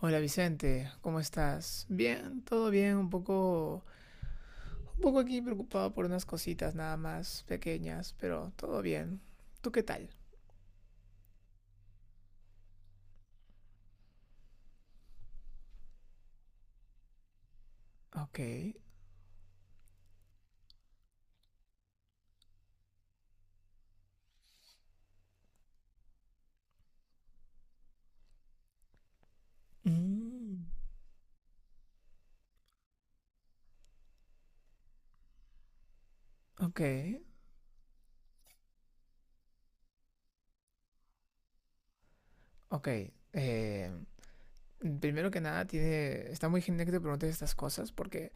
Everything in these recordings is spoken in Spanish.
Hola Vicente, ¿cómo estás? Bien, todo bien, un poco aquí preocupado por unas cositas nada más pequeñas, pero todo bien. ¿Tú qué tal? Ok. Mm, ok, ok. Eh, primero que nada, tiene, está muy genial que te preguntes estas cosas porque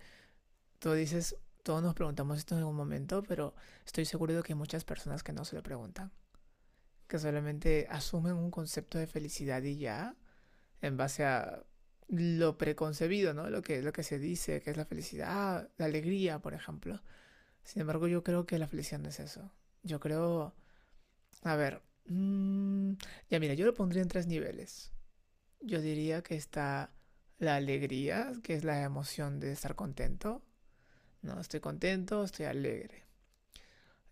tú dices, todos nos preguntamos esto en algún momento, pero estoy seguro de que hay muchas personas que no se lo preguntan, que solamente asumen un concepto de felicidad y ya, en base a lo preconcebido, ¿no? Lo lo que se dice, que es la felicidad, la alegría, por ejemplo. Sin embargo, yo creo que la felicidad no es eso. Yo creo, a ver, ya mira, yo lo pondría en tres niveles. Yo diría que está la alegría, que es la emoción de estar contento. No, estoy contento, estoy alegre.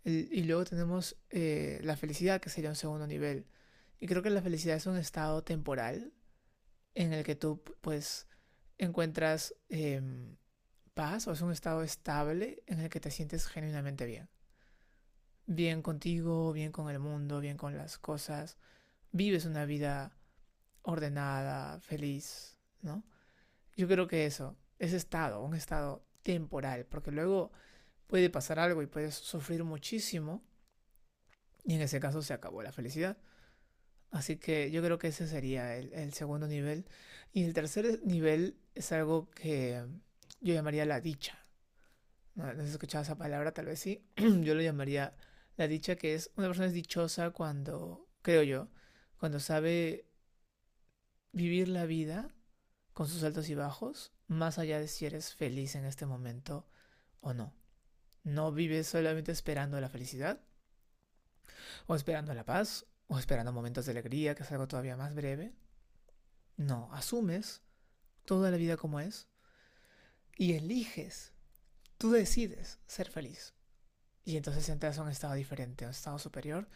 Y luego tenemos la felicidad, que sería un segundo nivel. Y creo que la felicidad es un estado temporal, en el que tú pues encuentras paz o es un estado estable en el que te sientes genuinamente bien. Bien contigo, bien con el mundo, bien con las cosas. Vives una vida ordenada, feliz, ¿no? Yo creo que eso, ese estado, un estado temporal, porque luego puede pasar algo y puedes sufrir muchísimo y en ese caso se acabó la felicidad. Así que yo creo que ese sería el segundo nivel. Y el tercer nivel es algo que yo llamaría la dicha. No, no has escuchado esa palabra, tal vez sí. Yo lo llamaría la dicha, que es una persona es dichosa cuando, creo yo, cuando sabe vivir la vida con sus altos y bajos, más allá de si eres feliz en este momento o no. No vives solamente esperando la felicidad, o esperando la paz, o esperando momentos de alegría, que es algo todavía más breve. No, asumes toda la vida como es y eliges, tú decides ser feliz. Y entonces entras a un estado diferente, a un estado superior,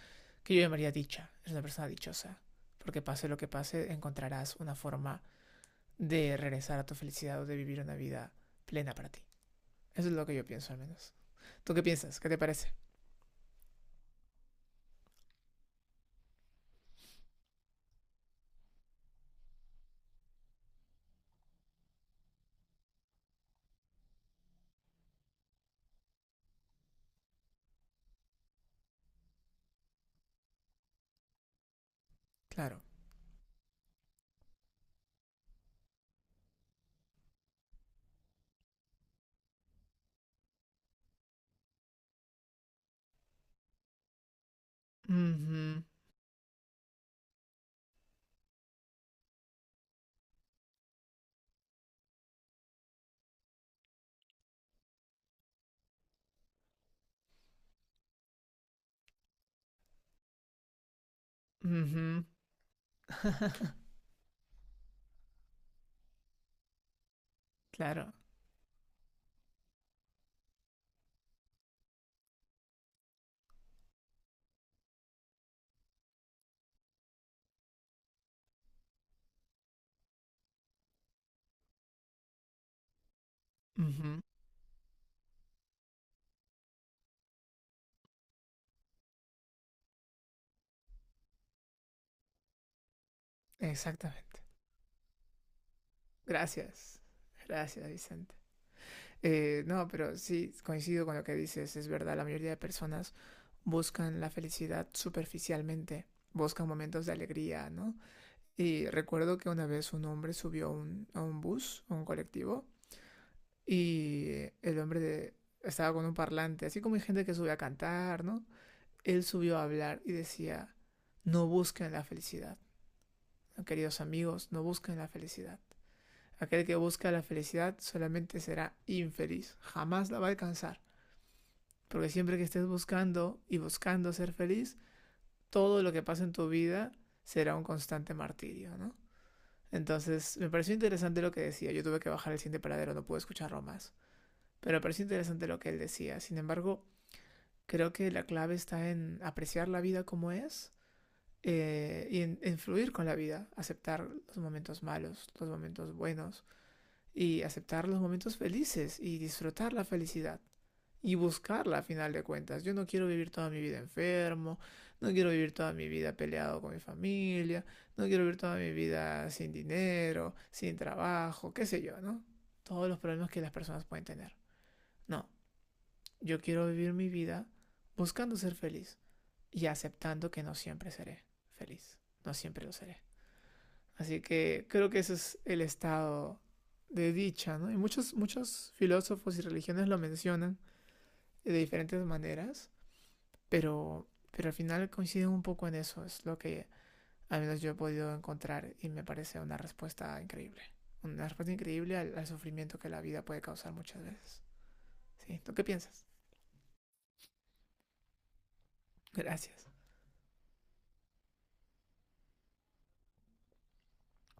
que yo llamaría dicha. Es una persona dichosa. Porque pase lo que pase, encontrarás una forma de regresar a tu felicidad o de vivir una vida plena para ti. Eso es lo que yo pienso al menos. ¿Tú qué piensas? ¿Qué te parece? Claro. Mhm. Mhm. claro. Mhm. Exactamente. Gracias. Gracias, Vicente. No, pero sí, coincido con lo que dices, es verdad, la mayoría de personas buscan la felicidad superficialmente, buscan momentos de alegría, ¿no? Y recuerdo que una vez un hombre subió a un bus, a un colectivo, y el hombre estaba con un parlante, así como hay gente que sube a cantar, ¿no? Él subió a hablar y decía, no busquen la felicidad, queridos amigos, no busquen la felicidad. Aquel que busca la felicidad solamente será infeliz, jamás la va a alcanzar. Porque siempre que estés buscando y buscando ser feliz, todo lo que pasa en tu vida será un constante martirio, ¿no? Entonces, me pareció interesante lo que decía. Yo tuve que bajar el siguiente paradero, no pude escucharlo más. Pero me pareció interesante lo que él decía. Sin embargo, creo que la clave está en apreciar la vida como es y en fluir con la vida, aceptar los momentos malos, los momentos buenos y aceptar los momentos felices y disfrutar la felicidad. Y buscarla a final de cuentas. Yo no quiero vivir toda mi vida enfermo, no quiero vivir toda mi vida peleado con mi familia, no quiero vivir toda mi vida sin dinero, sin trabajo, qué sé yo, ¿no? Todos los problemas que las personas pueden tener. No, yo quiero vivir mi vida buscando ser feliz y aceptando que no siempre seré feliz, no siempre lo seré. Así que creo que ese es el estado de dicha, ¿no? Y muchos filósofos y religiones lo mencionan de diferentes maneras. Pero al final coinciden un poco en eso, es lo que al menos yo he podido encontrar y me parece una respuesta increíble. Una respuesta increíble al sufrimiento que la vida puede causar muchas veces. ¿Sí? ¿Tú qué piensas? Gracias.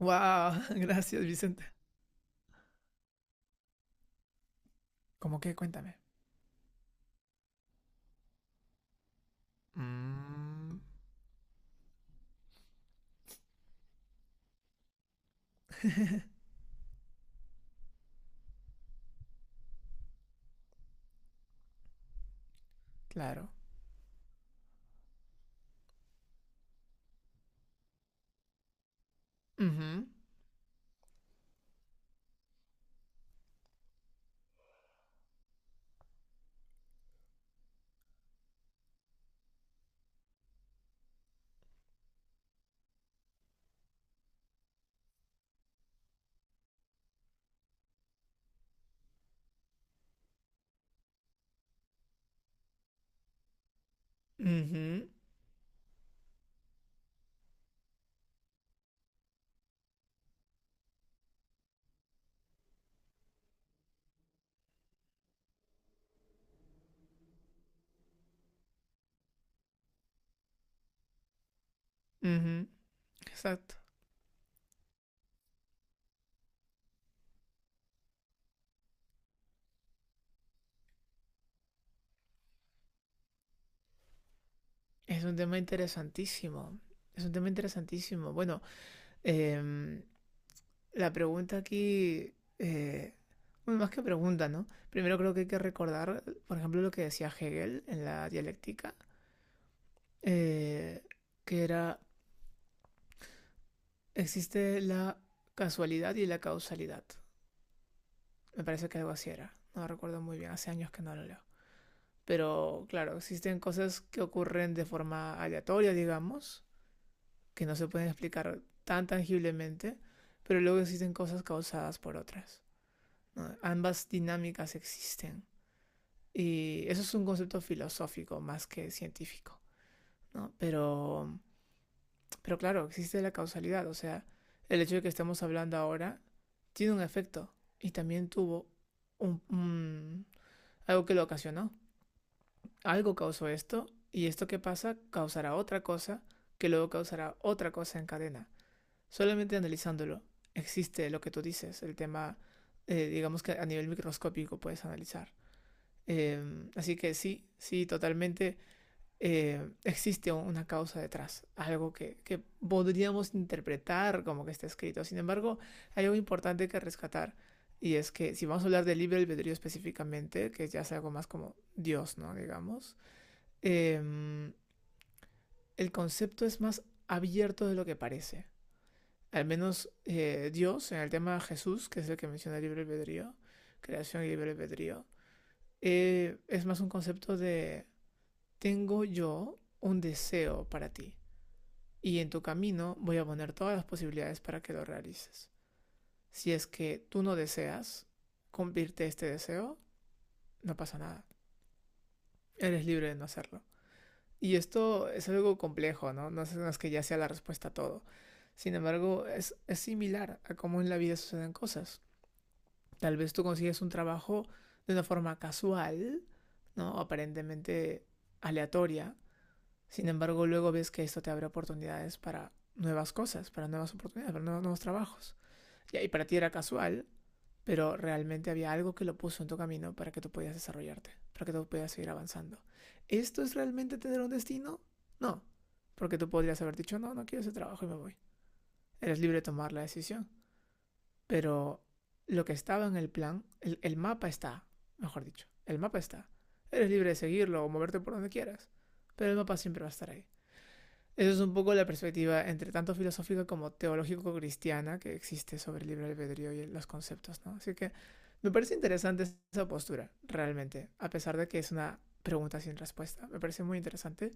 ¡Wow! Gracias, Vicente. ¿Cómo qué? Cuéntame. Mm, claro. Ujú, ujú, ujú. Exacto. Es un tema interesantísimo. Es un tema interesantísimo. Bueno, em, la pregunta aquí, bueno, más que pregunta, ¿no? Primero creo que hay que recordar, por ejemplo, lo que decía Hegel en la dialéctica, eh, que era, existe la casualidad y la causalidad. Me parece que algo así era. No recuerdo muy bien, hace años que no lo leo. Pero claro, existen cosas que ocurren de forma aleatoria, digamos, que no se pueden explicar tan tangiblemente, pero luego existen cosas causadas por otras. ¿No? Ambas dinámicas existen. Y eso es un concepto filosófico más que científico, ¿no? Pero claro, existe la causalidad, o sea, el hecho de que estemos hablando ahora tiene un efecto y también tuvo un, un- algo que lo ocasionó. Algo causó esto y esto que pasa causará otra cosa que luego causará otra cosa en cadena. Solamente analizándolo existe lo que tú dices, el tema, digamos que a nivel microscópico puedes analizar. Así que sí, sí, totalmente. Existe una causa detrás, algo que podríamos interpretar como que está escrito. Sin embargo, hay algo importante que rescatar y es que si vamos a hablar del libre albedrío específicamente, que ya es algo más como Dios, ¿no? Digamos, eh, el concepto es más abierto de lo que parece. Al menos Dios, en el tema de Jesús, que es el que menciona el libre albedrío, creación y libre albedrío, es más un concepto de tengo yo un deseo para ti y en tu camino voy a poner todas las posibilidades para que lo realices. Si es que tú no deseas cumplirte este deseo, no pasa nada. Eres libre de no hacerlo. Y esto es algo complejo, ¿no? No es, no que ya sea la respuesta a todo. Sin embargo, es similar a cómo en la vida suceden cosas. Tal vez tú consigues un trabajo de una forma casual, ¿no? Aparentemente aleatoria. Sin embargo, luego ves que esto te abre oportunidades para nuevas cosas, para nuevas oportunidades, para nuevos trabajos. Y ahí para ti era casual, pero realmente había algo que lo puso en tu camino para que tú pudieras desarrollarte, para que tú pudieras seguir avanzando. ¿Esto es realmente tener un destino? No, porque tú podrías haber dicho, no, no quiero ese trabajo y me voy. Eres libre de tomar la decisión, pero lo que estaba en el plan, el mapa está, mejor dicho, el mapa está. Eres libre de seguirlo o moverte por donde quieras, pero el mapa siempre va a estar ahí. Eso es un poco la perspectiva entre tanto filosófica como teológico-cristiana que existe sobre el libre albedrío y los conceptos, ¿no? Así que me parece interesante esa postura, realmente, a pesar de que es una pregunta sin respuesta. Me parece muy interesante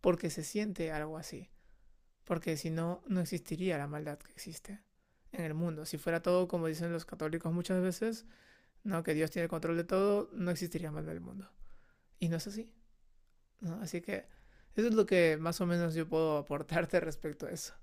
porque se siente algo así, porque si no, no existiría la maldad que existe en el mundo. Si fuera todo como dicen los católicos muchas veces, no, que Dios tiene el control de todo, no existiría maldad en el mundo. Y no es así, ¿no? Así que eso es lo que más o menos yo puedo aportarte respecto a eso.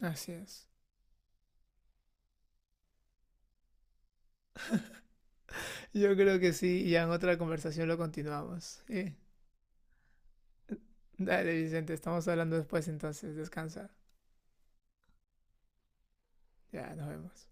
Así es. Yo creo que sí, y ya en otra conversación lo continuamos. Dale, Vicente, estamos hablando después entonces. Descansa. Ya, nos vemos.